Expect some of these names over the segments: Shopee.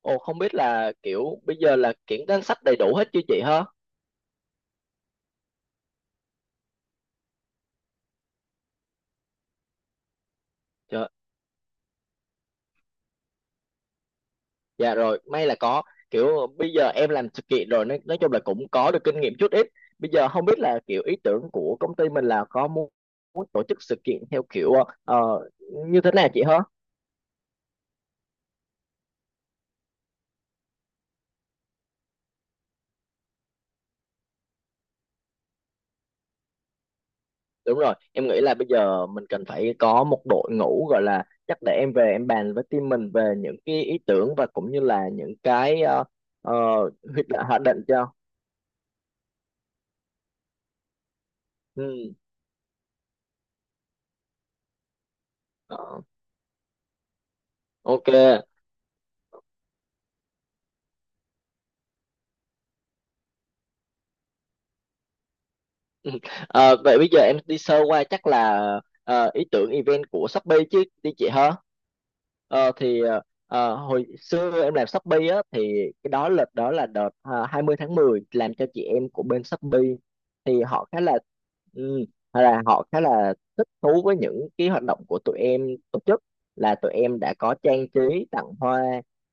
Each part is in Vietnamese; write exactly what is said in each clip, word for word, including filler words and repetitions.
Ồ không biết là kiểu bây giờ là kiểu danh sách đầy đủ hết chưa chị hả? Trời, dạ rồi, may là có. Kiểu bây giờ em làm sự kiện rồi nên nói chung là cũng có được kinh nghiệm chút ít. Bây giờ không biết là kiểu ý tưởng của công ty mình là có muốn, muốn tổ chức sự kiện theo kiểu ờ, ờ, như thế nào chị hả? Đúng rồi, em nghĩ là bây giờ mình cần phải có một đội ngũ gọi là chắc để em về em bàn với team mình về những cái ý tưởng và cũng như là những cái ờ, ờ, hoạch định cho. Ừ. Ờ, Ok, Ờ, vậy bây giờ em đi sơ qua chắc là ờ, ý tưởng event của Shopee chứ đi chị hả? Ờ, thì ờ, ờ, hồi xưa em làm Shopee á thì cái đó lịch đó là đợt ờ, hai mươi tháng mười làm cho chị em của bên Shopee thì họ khá là ừ, là họ khá là thích thú với những cái hoạt động của tụi em tổ chức, là tụi em đã có trang trí tặng hoa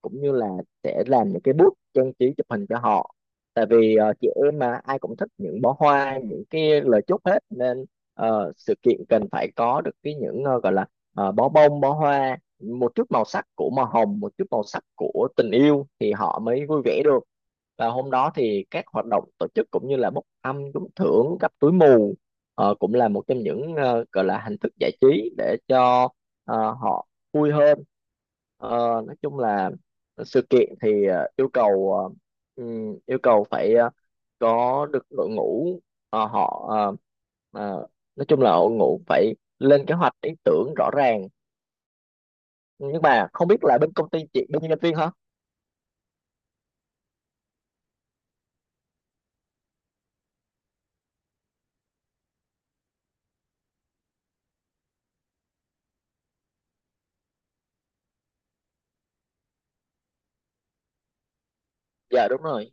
cũng như là sẽ làm những cái booth trang trí chụp hình cho họ tại vì ờ, chị em mà ai cũng thích những bó hoa những cái lời chúc hết nên ờ, sự kiện cần phải có được cái những ờ, gọi là ờ, bó bông bó hoa, một chút màu sắc của màu hồng, một chút màu sắc của tình yêu thì họ mới vui vẻ được. Và hôm đó thì các hoạt động tổ chức cũng như là bốc thăm trúng thưởng cặp túi mù ờ, cũng là một trong những ờ, gọi là hình thức giải trí để cho ờ, họ vui hơn. Ờ, nói chung là sự kiện thì ờ, yêu cầu ờ, ừm, yêu cầu phải ờ, có được đội ngũ ờ, họ ờ, ờ, nói chung là đội ngũ phải lên kế hoạch ý tưởng rõ ràng, nhưng mà không biết là bên công ty chị bên nhân viên hả. Dạ đúng rồi.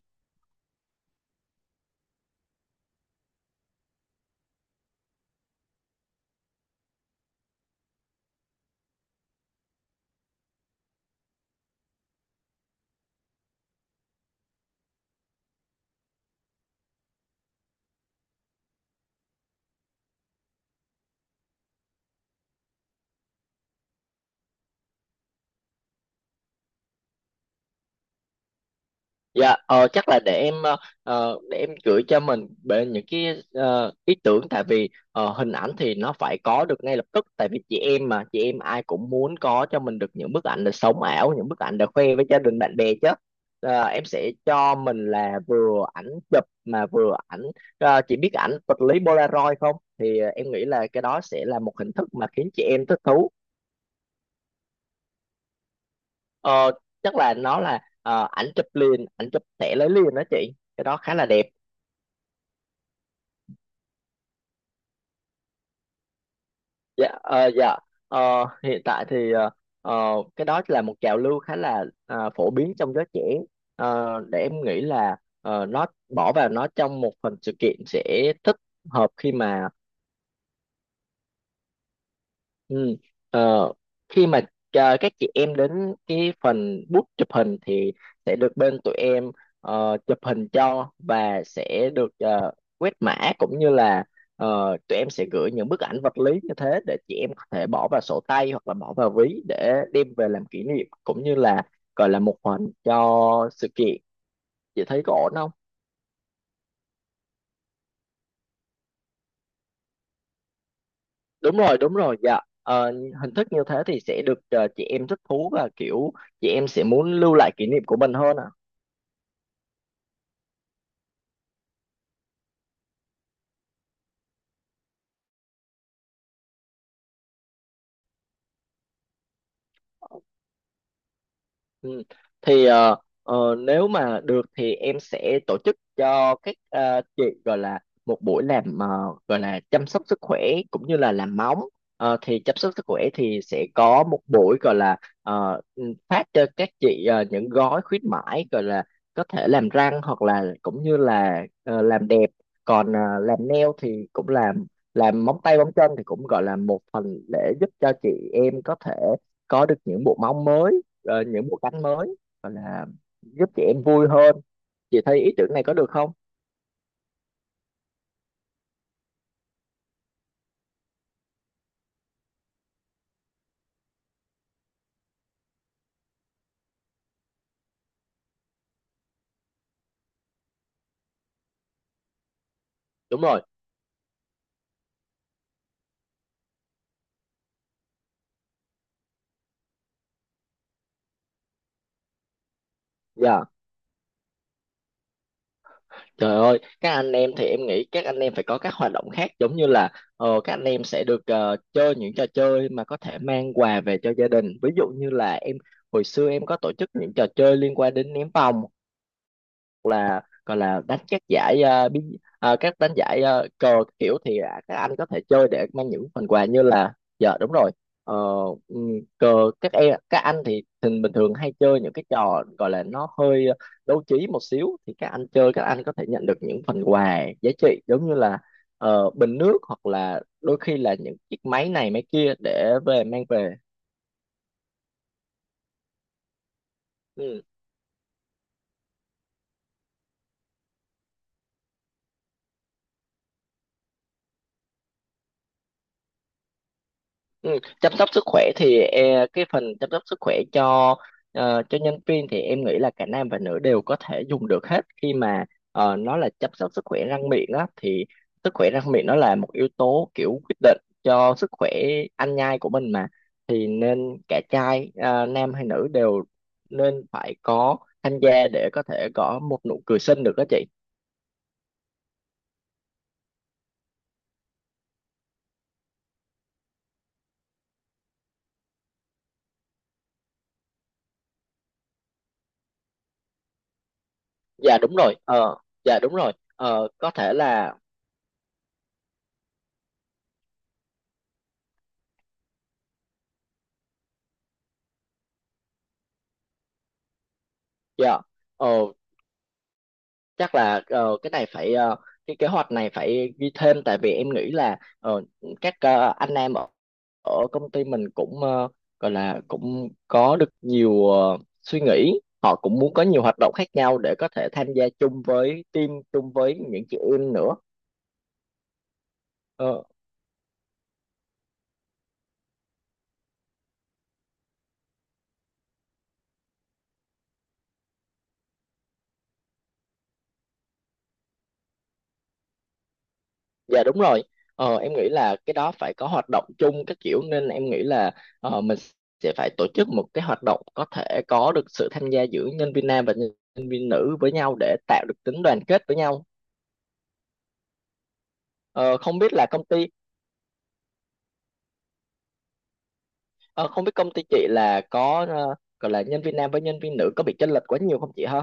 Dạ ờ, chắc là để em ờ, ờ, để em gửi cho mình về những cái ờ, ý tưởng, tại vì ờ, hình ảnh thì nó phải có được ngay lập tức, tại vì chị em mà chị em ai cũng muốn có cho mình được những bức ảnh là sống ảo, những bức ảnh để khoe với gia đình bạn bè chứ. Ờ, em sẽ cho mình là vừa ảnh chụp mà vừa ảnh, ờ, chị biết ảnh vật lý Polaroid không thì ờ, em nghĩ là cái đó sẽ là một hình thức mà khiến chị em thích thú. Ờ, chắc là nó là ờ, ảnh chụp liền, ảnh chụp thẻ lấy liền đó chị. Cái đó khá là đẹp. Dạ, ờ, dạ. Ờ, hiện tại thì ờ, ờ, cái đó là một trào lưu khá là ờ, phổ biến trong giới trẻ. Ờ, để em nghĩ là ờ, nó bỏ vào nó trong một phần sự kiện sẽ thích hợp khi mà. Ừ. Ờ, khi mà à, các chị em đến cái phần bút chụp hình thì sẽ được bên tụi em ờ, chụp hình cho và sẽ được ờ, quét mã cũng như là ờ, tụi em sẽ gửi những bức ảnh vật lý như thế để chị em có thể bỏ vào sổ tay hoặc là bỏ vào ví để đem về làm kỷ niệm cũng như là gọi là một phần cho sự kiện. Chị thấy có ổn không? Đúng rồi, đúng rồi, dạ. Ờ, hình thức như thế thì sẽ được ờ, chị em thích thú và kiểu chị em sẽ muốn lưu lại kỷ niệm của mình hơn ạ. Ừ. Thì ờ, ờ, nếu mà được thì em sẽ tổ chức cho các ờ, chị gọi là một buổi làm ờ, gọi là chăm sóc sức khỏe cũng như là làm móng. Ờ, thì chăm sóc sức khỏe thì sẽ có một buổi gọi là ờ, ừ, phát cho các chị ờ, những gói khuyến mãi gọi là có thể làm răng hoặc là cũng như là ờ, làm đẹp. Còn ờ, làm nail thì cũng làm làm móng tay móng chân thì cũng gọi là một phần để giúp cho chị em có thể có được những bộ móng mới, ờ, những bộ cánh mới, hoặc là giúp chị em vui hơn. Chị thấy ý tưởng này có được không? Đúng rồi. Dạ, trời ơi, các anh em thì em nghĩ các anh em phải có các hoạt động khác giống như là ờ, các anh em sẽ được ờ, chơi những trò chơi mà có thể mang quà về cho gia đình. Ví dụ như là em hồi xưa em có tổ chức những trò chơi liên quan đến ném vòng, còn là đánh các giải ờ, bí, ờ, các đánh giải ờ, cờ kiểu thì à, các anh có thể chơi để mang những phần quà như là. Dạ đúng rồi. Ờ, ừm, cờ các em các anh thì thường bình thường hay chơi những cái trò gọi là nó hơi đấu trí một xíu thì các anh chơi các anh có thể nhận được những phần quà giá trị giống như là ờ, bình nước hoặc là đôi khi là những chiếc máy này máy kia để về mang về. Ừ. Ừ, chăm sóc sức khỏe thì e, cái phần chăm sóc sức khỏe cho ờ, cho nhân viên thì em nghĩ là cả nam và nữ đều có thể dùng được hết, khi mà ờ, nó là chăm sóc sức khỏe răng miệng á thì sức khỏe răng miệng nó là một yếu tố kiểu quyết định cho sức khỏe ăn nhai của mình mà, thì nên cả trai ờ, nam hay nữ đều nên phải có tham gia để có thể có một nụ cười xinh được đó chị. Dạ đúng rồi, ờ, dạ đúng rồi, ờ, có thể là. Dạ. Ờ, chắc là ờ, cái này phải ờ, cái kế hoạch này phải ghi thêm, tại vì em nghĩ là ờ, các ờ, anh em ở ở công ty mình cũng ờ, gọi là cũng có được nhiều ờ, suy nghĩ, họ cũng muốn có nhiều hoạt động khác nhau để có thể tham gia chung với team chung với những chị em nữa. Ờ, Dạ đúng rồi. Ờ, em nghĩ là cái đó phải có hoạt động chung các kiểu, nên em nghĩ là ờ, mình sẽ phải tổ chức một cái hoạt động có thể có được sự tham gia giữa nhân viên nam và nhân viên nữ với nhau để tạo được tính đoàn kết với nhau. Ờ, không biết là công ty, ờ, không biết công ty chị là có ờ, gọi là nhân viên nam với nhân viên nữ có bị chênh lệch quá nhiều không chị ha?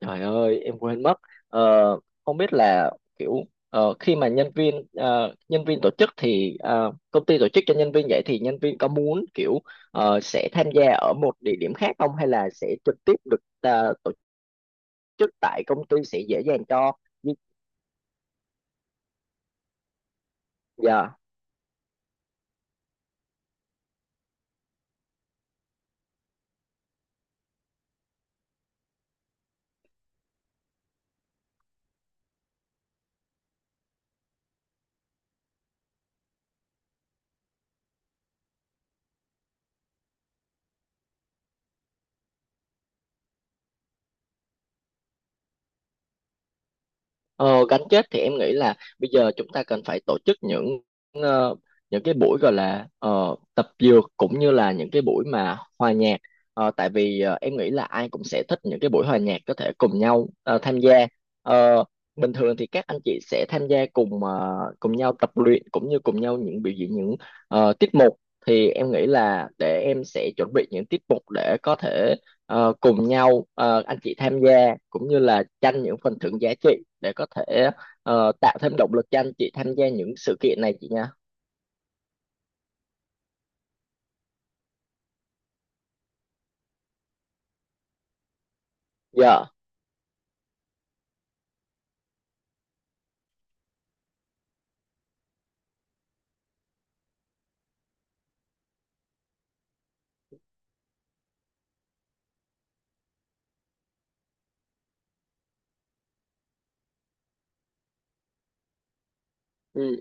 Trời ơi, em quên mất. Ờ, không biết là kiểu ờ, khi mà nhân viên ờ, nhân viên tổ chức thì ờ, công ty tổ chức cho nhân viên vậy thì nhân viên có muốn kiểu ờ, sẽ tham gia ở một địa điểm khác không hay là sẽ trực tiếp được ờ, tổ chức tại công ty sẽ dễ dàng cho? Dạ. Ờ, gắn kết thì em nghĩ là bây giờ chúng ta cần phải tổ chức những ờ, những cái buổi gọi là ờ, tập dược cũng như là những cái buổi mà hòa nhạc. Ờ, tại vì ờ, em nghĩ là ai cũng sẽ thích những cái buổi hòa nhạc có thể cùng nhau ờ, tham gia. Ờ, bình thường thì các anh chị sẽ tham gia cùng ờ, cùng nhau tập luyện cũng như cùng nhau những biểu diễn những ờ, tiết mục, thì em nghĩ là để em sẽ chuẩn bị những tiết mục để có thể ờ, cùng nhau ờ, anh chị tham gia cũng như là tranh những phần thưởng giá trị để có thể ờ, tạo thêm động lực cho anh chị tham gia những sự kiện này chị nha. Dạ. Ừ.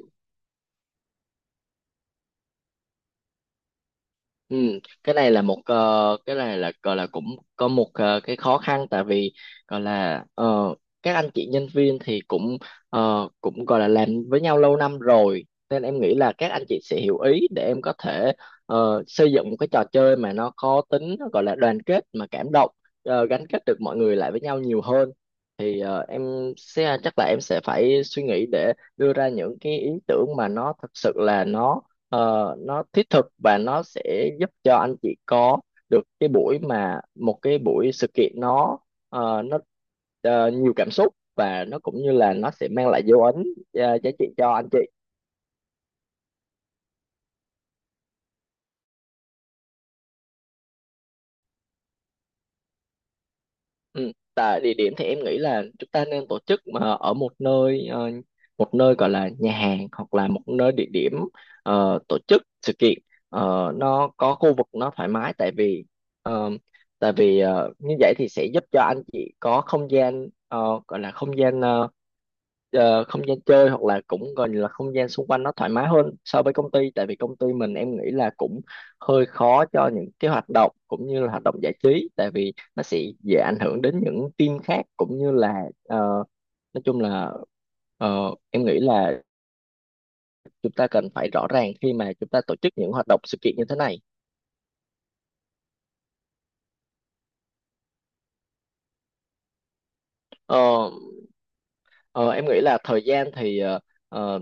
Ừ, cái này là một ờ, cái này là gọi là cũng có một ờ, cái khó khăn, tại vì gọi là ờ, các anh chị nhân viên thì cũng ờ, cũng gọi là làm với nhau lâu năm rồi, nên em nghĩ là các anh chị sẽ hiểu ý để em có thể ờ, xây dựng một cái trò chơi mà nó có tính nó gọi là đoàn kết mà cảm động, ờ, gắn kết được mọi người lại với nhau nhiều hơn. Thì ờ, em sẽ chắc là em sẽ phải suy nghĩ để đưa ra những cái ý tưởng mà nó thật sự là nó, Ờ, nó thiết thực và nó sẽ giúp cho anh chị có được cái buổi mà một cái buổi sự kiện nó ờ, nó ờ, nhiều cảm xúc, và nó cũng như là nó sẽ mang lại dấu ấn ờ, giá trị cho anh chị. Ừ. Tại địa điểm thì em nghĩ là chúng ta nên tổ chức mà ở một nơi, ờ, một nơi gọi là nhà hàng hoặc là một nơi địa điểm ờ, tổ chức sự kiện. Ờ, nó có khu vực nó thoải mái, tại vì ờ, tại vì ờ, như vậy thì sẽ giúp cho anh chị có không gian, ờ, gọi là không gian, ờ, ờ, không gian chơi hoặc là cũng gọi là không gian xung quanh nó thoải mái hơn so với công ty, tại vì công ty mình em nghĩ là cũng hơi khó cho những cái hoạt động cũng như là hoạt động giải trí, tại vì nó sẽ dễ ảnh hưởng đến những team khác cũng như là ờ, nói chung là ờ, em nghĩ là chúng ta cần phải rõ ràng khi mà chúng ta tổ chức những hoạt động sự kiện như thế này. Ờ, ờ, em nghĩ là thời gian thì ờ, ờ,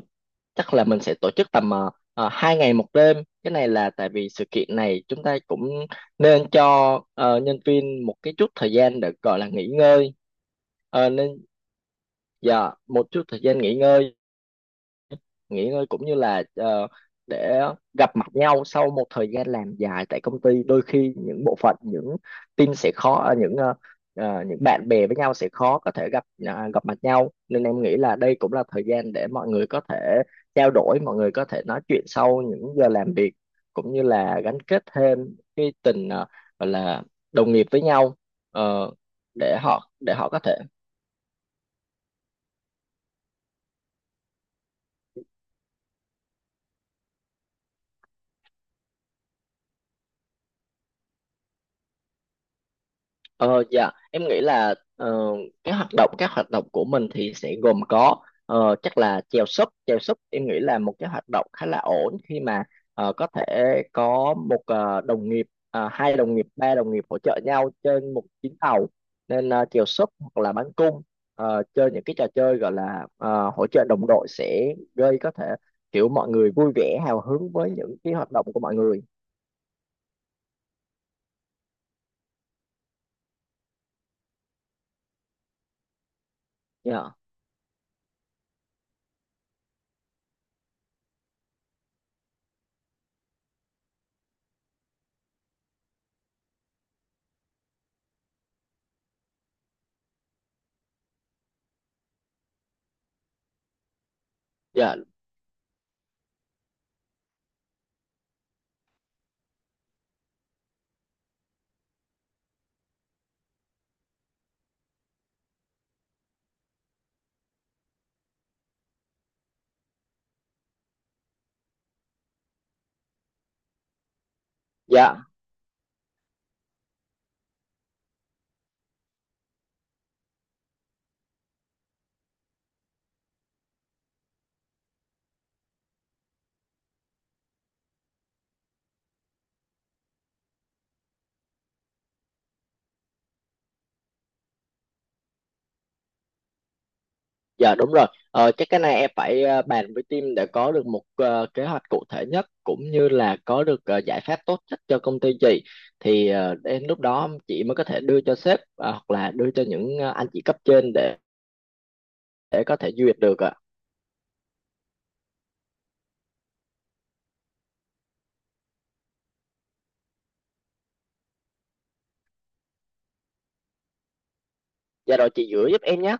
chắc là mình sẽ tổ chức tầm uh, hai ngày một đêm. Cái này là tại vì sự kiện này chúng ta cũng nên cho ờ, nhân viên một cái chút thời gian để gọi là nghỉ ngơi. Ờ, nên dạ một chút thời gian nghỉ ngơi, nghỉ ngơi cũng như là ờ, để gặp mặt nhau sau một thời gian làm dài tại công ty, đôi khi những bộ phận những team sẽ khó, ờ, những ờ, ờ, những bạn bè với nhau sẽ khó có thể gặp à, gặp mặt nhau, nên em nghĩ là đây cũng là thời gian để mọi người có thể trao đổi, mọi người có thể nói chuyện sau những giờ làm việc cũng như là gắn kết thêm cái tình ờ, gọi là đồng nghiệp với nhau. Ờ, để họ để họ có thể. Ờ dạ em nghĩ là ờ, cái hoạt động các hoạt động của mình thì sẽ gồm có ờ, chắc là chèo súp. Chèo súp em nghĩ là một cái hoạt động khá là ổn khi mà ờ, có thể có một ờ, đồng nghiệp, ờ, hai đồng nghiệp, ba đồng nghiệp hỗ trợ nhau trên một chuyến tàu, nên ờ, chèo súp hoặc là bắn cung, ờ, chơi những cái trò chơi gọi là ờ, hỗ trợ đồng đội sẽ gây có thể kiểu mọi người vui vẻ hào hứng với những cái hoạt động của mọi người. Dạ, dạ, dạ. Dạ đúng rồi, ờ, chắc cái này em phải ờ, bàn với team để có được một ờ, kế hoạch cụ thể nhất cũng như là có được ờ, giải pháp tốt nhất cho công ty chị, thì ờ, đến lúc đó chị mới có thể đưa cho sếp ờ, hoặc là đưa cho những ờ, anh chị cấp trên để để có thể duyệt được ạ. Dạ rồi chị gửi giúp em nhé.